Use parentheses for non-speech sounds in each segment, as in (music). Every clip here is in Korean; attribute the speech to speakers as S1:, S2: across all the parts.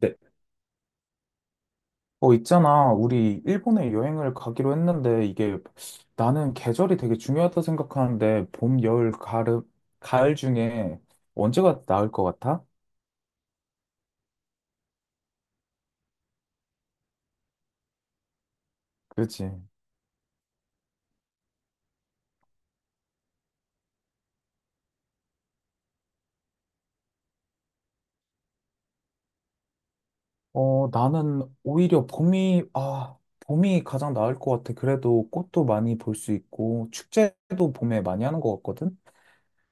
S1: 네. 있잖아. 우리 일본에 여행을 가기로 했는데 이게 나는 계절이 되게 중요하다 생각하는데 봄, 여름, 가을 중에 언제가 나을 것 같아? 그렇지. 나는 오히려 봄이 가장 나을 것 같아. 그래도 꽃도 많이 볼 수 있고 축제도 봄에 많이 하는 것 같거든?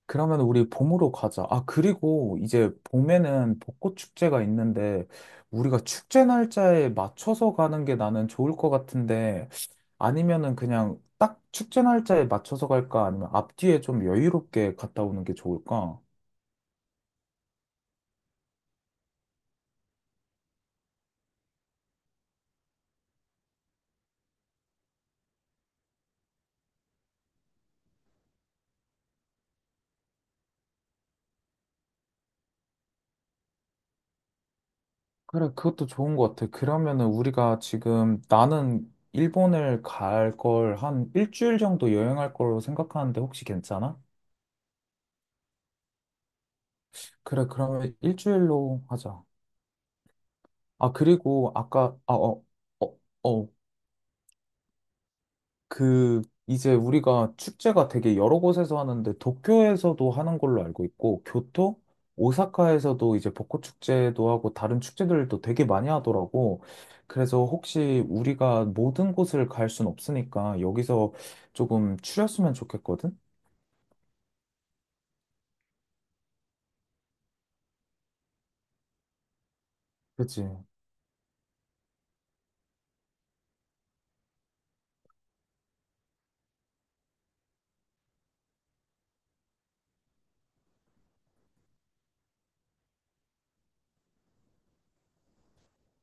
S1: 그러면 우리 봄으로 가자. 아, 그리고 이제 봄에는 벚꽃 축제가 있는데 우리가 축제 날짜에 맞춰서 가는 게 나는 좋을 것 같은데 아니면은 그냥 딱 축제 날짜에 맞춰서 갈까? 아니면 앞뒤에 좀 여유롭게 갔다 오는 게 좋을까? 그래, 그것도 좋은 것 같아. 그러면은 우리가 지금 나는 일본을 갈 걸 한 일주일 정도 여행할 걸로 생각하는데 혹시 괜찮아? 그래, 그러면 일주일로 하자. 아, 그리고 아까, 아, 어, 어, 어, 그, 이제 우리가 축제가 되게 여러 곳에서 하는데, 도쿄에서도 하는 걸로 알고 있고, 교토? 오사카에서도 이제 벚꽃 축제도 하고, 다른 축제들도 되게 많이 하더라고. 그래서 혹시 우리가 모든 곳을 갈 순 없으니까, 여기서 조금 추렸으면 좋겠거든? 그치?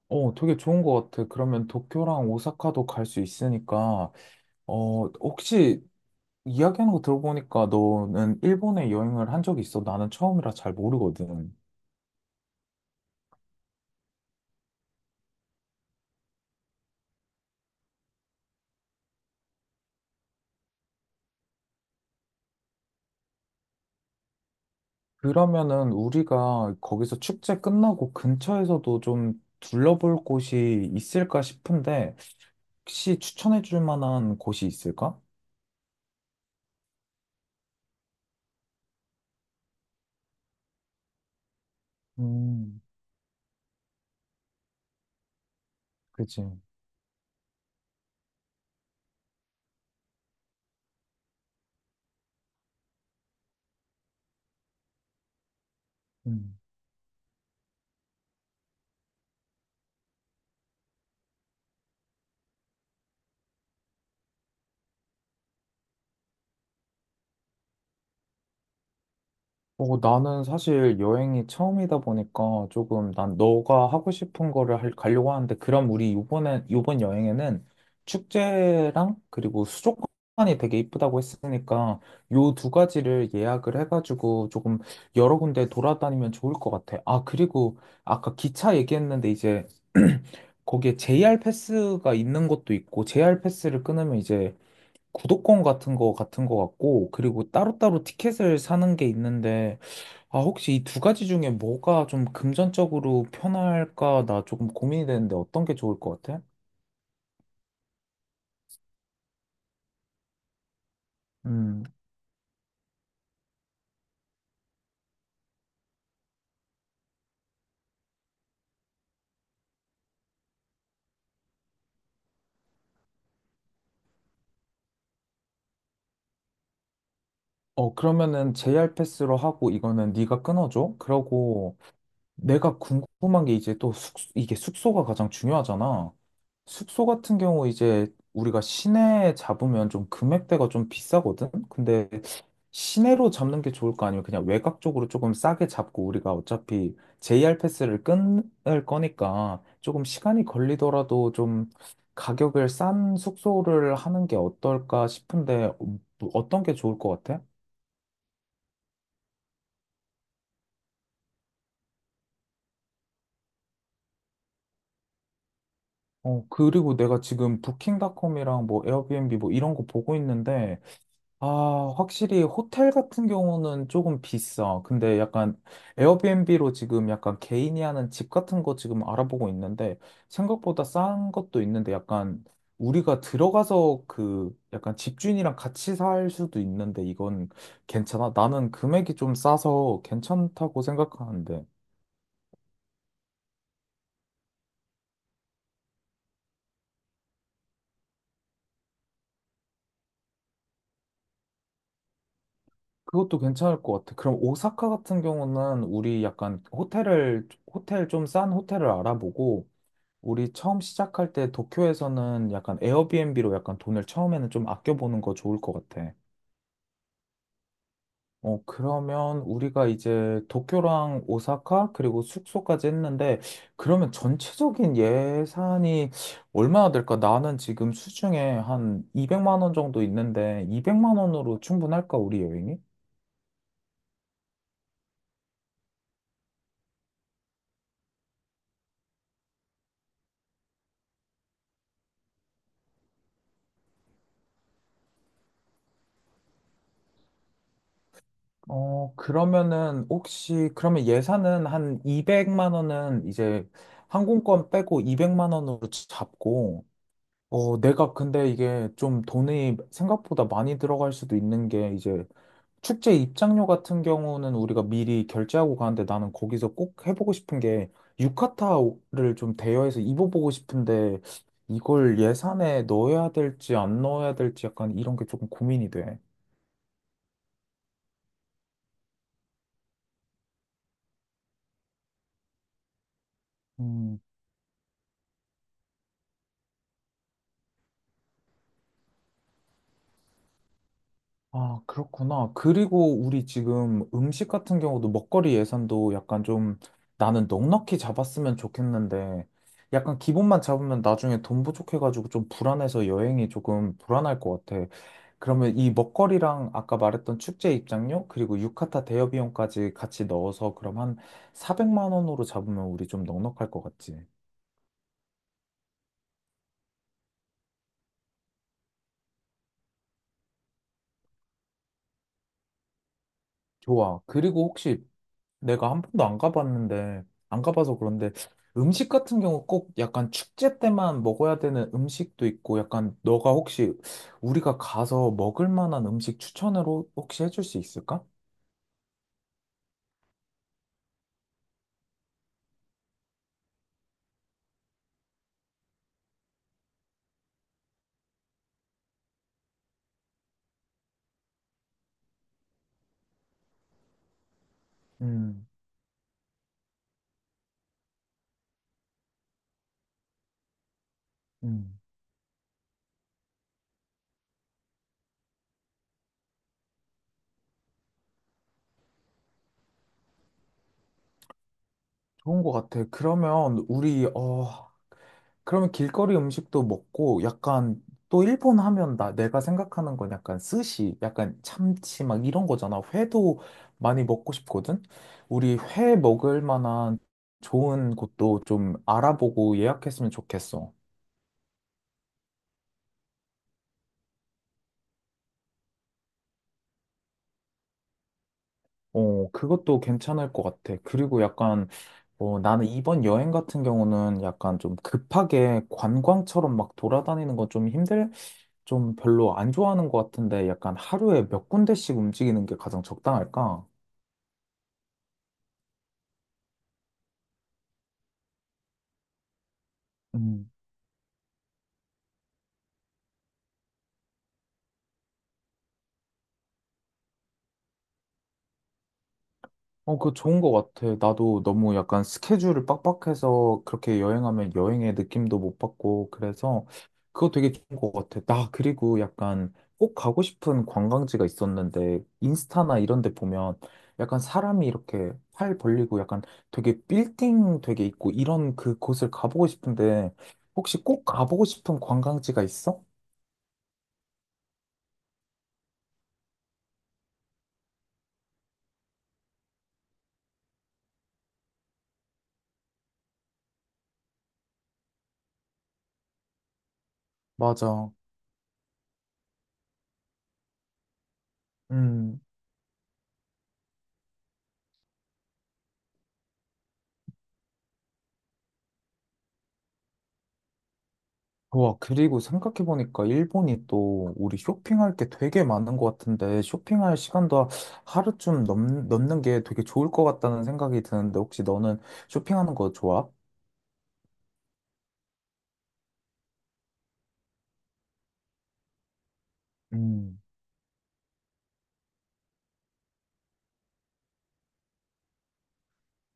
S1: 되게 좋은 것 같아. 그러면 도쿄랑 오사카도 갈 수 있으니까, 혹시 이야기하는 거 들어보니까 너는 일본에 여행을 한 적이 있어? 나는 처음이라 잘 모르거든. 그러면은 우리가 거기서 축제 끝나고 근처에서도 좀 둘러볼 곳이 있을까 싶은데 혹시 추천해 줄 만한 곳이 있을까? 음, 그치. 음. 나는 사실 여행이 처음이다 보니까 조금 난 너가 하고 싶은 거를 가려고 하는데 그럼 우리 이번에 이번 여행에는 축제랑 그리고 수족관이 되게 이쁘다고 했으니까 요 두 가지를 예약을 해가지고 조금 여러 군데 돌아다니면 좋을 것 같아. 아, 그리고 아까 기차 얘기했는데 이제 (clears throat) 거기에 JR 패스가 있는 것도 있고 JR 패스를 끊으면 이제 구독권 같은 거 같고, 그리고 따로따로 티켓을 사는 게 있는데, 아, 혹시 이 두 가지 중에 뭐가 좀 금전적으로 편할까? 나 조금 고민이 되는데 어떤 게 좋을 것 같아? 음, 그러면은 JR 패스로 하고 이거는 네가 끊어줘. 그러고 내가 궁금한 게 이제 또 이게 숙소가 가장 중요하잖아. 숙소 같은 경우 이제 우리가 시내에 잡으면 좀 금액대가 좀 비싸거든? 근데 시내로 잡는 게 좋을까? 아니면 그냥 외곽 쪽으로 조금 싸게 잡고 우리가 어차피 JR 패스를 끊을 거니까 조금 시간이 걸리더라도 좀 가격을 싼 숙소를 하는 게 어떨까 싶은데 어떤 게 좋을 것 같아? 그리고 내가 지금 부킹닷컴이랑 뭐 에어비앤비 뭐 이런 거 보고 있는데 아, 확실히 호텔 같은 경우는 조금 비싸. 근데 약간 에어비앤비로 지금 약간 개인이 하는 집 같은 거 지금 알아보고 있는데 생각보다 싼 것도 있는데 약간 우리가 들어가서 그 약간 집주인이랑 같이 살 수도 있는데 이건 괜찮아? 나는 금액이 좀 싸서 괜찮다고 생각하는데 그것도 괜찮을 것 같아. 그럼 오사카 같은 경우는 우리 약간 호텔 좀 싼 호텔을 알아보고 우리 처음 시작할 때 도쿄에서는 약간 에어비앤비로 약간 돈을 처음에는 좀 아껴보는 거 좋을 것 같아. 그러면 우리가 이제 도쿄랑 오사카 그리고 숙소까지 했는데 그러면 전체적인 예산이 얼마나 될까? 나는 지금 수중에 한 200만 원 정도 있는데 200만 원으로 충분할까? 우리 여행이? 그러면은 혹시 그러면 예산은 한 200만 원은 이제 항공권 빼고 200만 원으로 잡고 내가 근데 이게 좀 돈이 생각보다 많이 들어갈 수도 있는 게 이제 축제 입장료 같은 경우는 우리가 미리 결제하고 가는데 나는 거기서 꼭 해보고 싶은 게 유카타를 좀 대여해서 입어보고 싶은데 이걸 예산에 넣어야 될지 안 넣어야 될지 약간 이런 게 조금 고민이 돼. 음. 아, 그렇구나. 그리고 우리 지금 음식 같은 경우도 먹거리 예산도 약간 좀 나는 넉넉히 잡았으면 좋겠는데 약간 기본만 잡으면 나중에 돈 부족해가지고 좀 불안해서 여행이 조금 불안할 것 같아. 그러면 이 먹거리랑 아까 말했던 축제 입장료 그리고 유카타 대여 비용까지 같이 넣어서 그럼 한 400만 원으로 잡으면 우리 좀 넉넉할 것 같지? 좋아. 그리고 혹시 내가 한 번도 안 가봤는데, 안 가봐서 그런데 음식 같은 경우 꼭 약간 축제 때만 먹어야 되는 음식도 있고, 약간 너가 혹시 우리가 가서 먹을 만한 음식 추천으로 혹시 해줄 수 있을까? 음, 음, 좋은 것 같아. 그러면 길거리 음식도 먹고 약간 또 일본 하면 나 내가 생각하는 건 약간 스시, 약간 참치 막 이런 거잖아. 회도 많이 먹고 싶거든. 우리 회 먹을 만한 좋은 곳도 좀 알아보고 예약했으면 좋겠어. 그것도 괜찮을 것 같아. 그리고 약간 나는 이번 여행 같은 경우는 약간 좀 급하게 관광처럼 막 돌아다니는 건 좀 별로 안 좋아하는 것 같은데 약간 하루에 몇 군데씩 움직이는 게 가장 적당할까? 음, 그거 좋은 것 같아. 나도 너무 약간 스케줄을 빡빡해서 그렇게 여행하면 여행의 느낌도 못 받고 그래서 그거 되게 좋은 것 같아. 나 그리고 약간 꼭 가고 싶은 관광지가 있었는데 인스타나 이런 데 보면 약간 사람이 이렇게 팔 벌리고 약간 되게 빌딩 되게 있고 이런 그 곳을 가보고 싶은데 혹시 꼭 가보고 싶은 관광지가 있어? 맞아. 음, 와, 그리고 생각해보니까 일본이 또 우리 쇼핑할 게 되게 많은 것 같은데 쇼핑할 시간도 하루쯤 넘는 게 되게 좋을 것 같다는 생각이 드는데 혹시 너는 쇼핑하는 거 좋아? 음.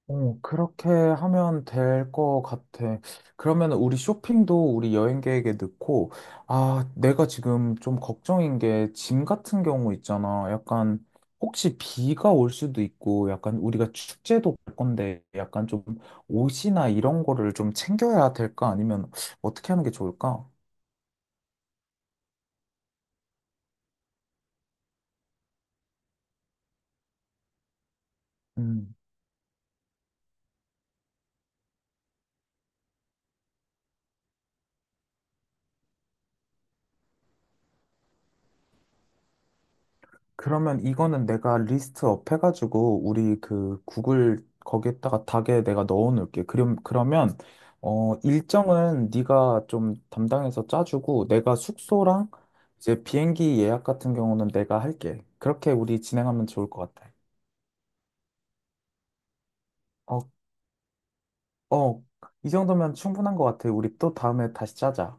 S1: 그렇게 하면 될 것 같아. 그러면 우리 쇼핑도 우리 여행 계획에 넣고, 아, 내가 지금 좀 걱정인 게 짐 같은 경우 있잖아. 약간 혹시 비가 올 수도 있고, 약간 우리가 축제도 갈 건데, 약간 좀 옷이나 이런 거를 좀 챙겨야 될까? 아니면 어떻게 하는 게 좋을까? 음. 그러면 이거는 내가 리스트업 해가지고 우리 그 구글 거기에다가 닥에 내가 넣어놓을게. 그럼 그러면 어 일정은 네가 좀 담당해서 짜주고 내가 숙소랑 이제 비행기 예약 같은 경우는 내가 할게. 그렇게 우리 진행하면 좋을 것 같아. 어, 어, 이 정도면 충분한 것 같아. 우리 또 다음에 다시 짜자.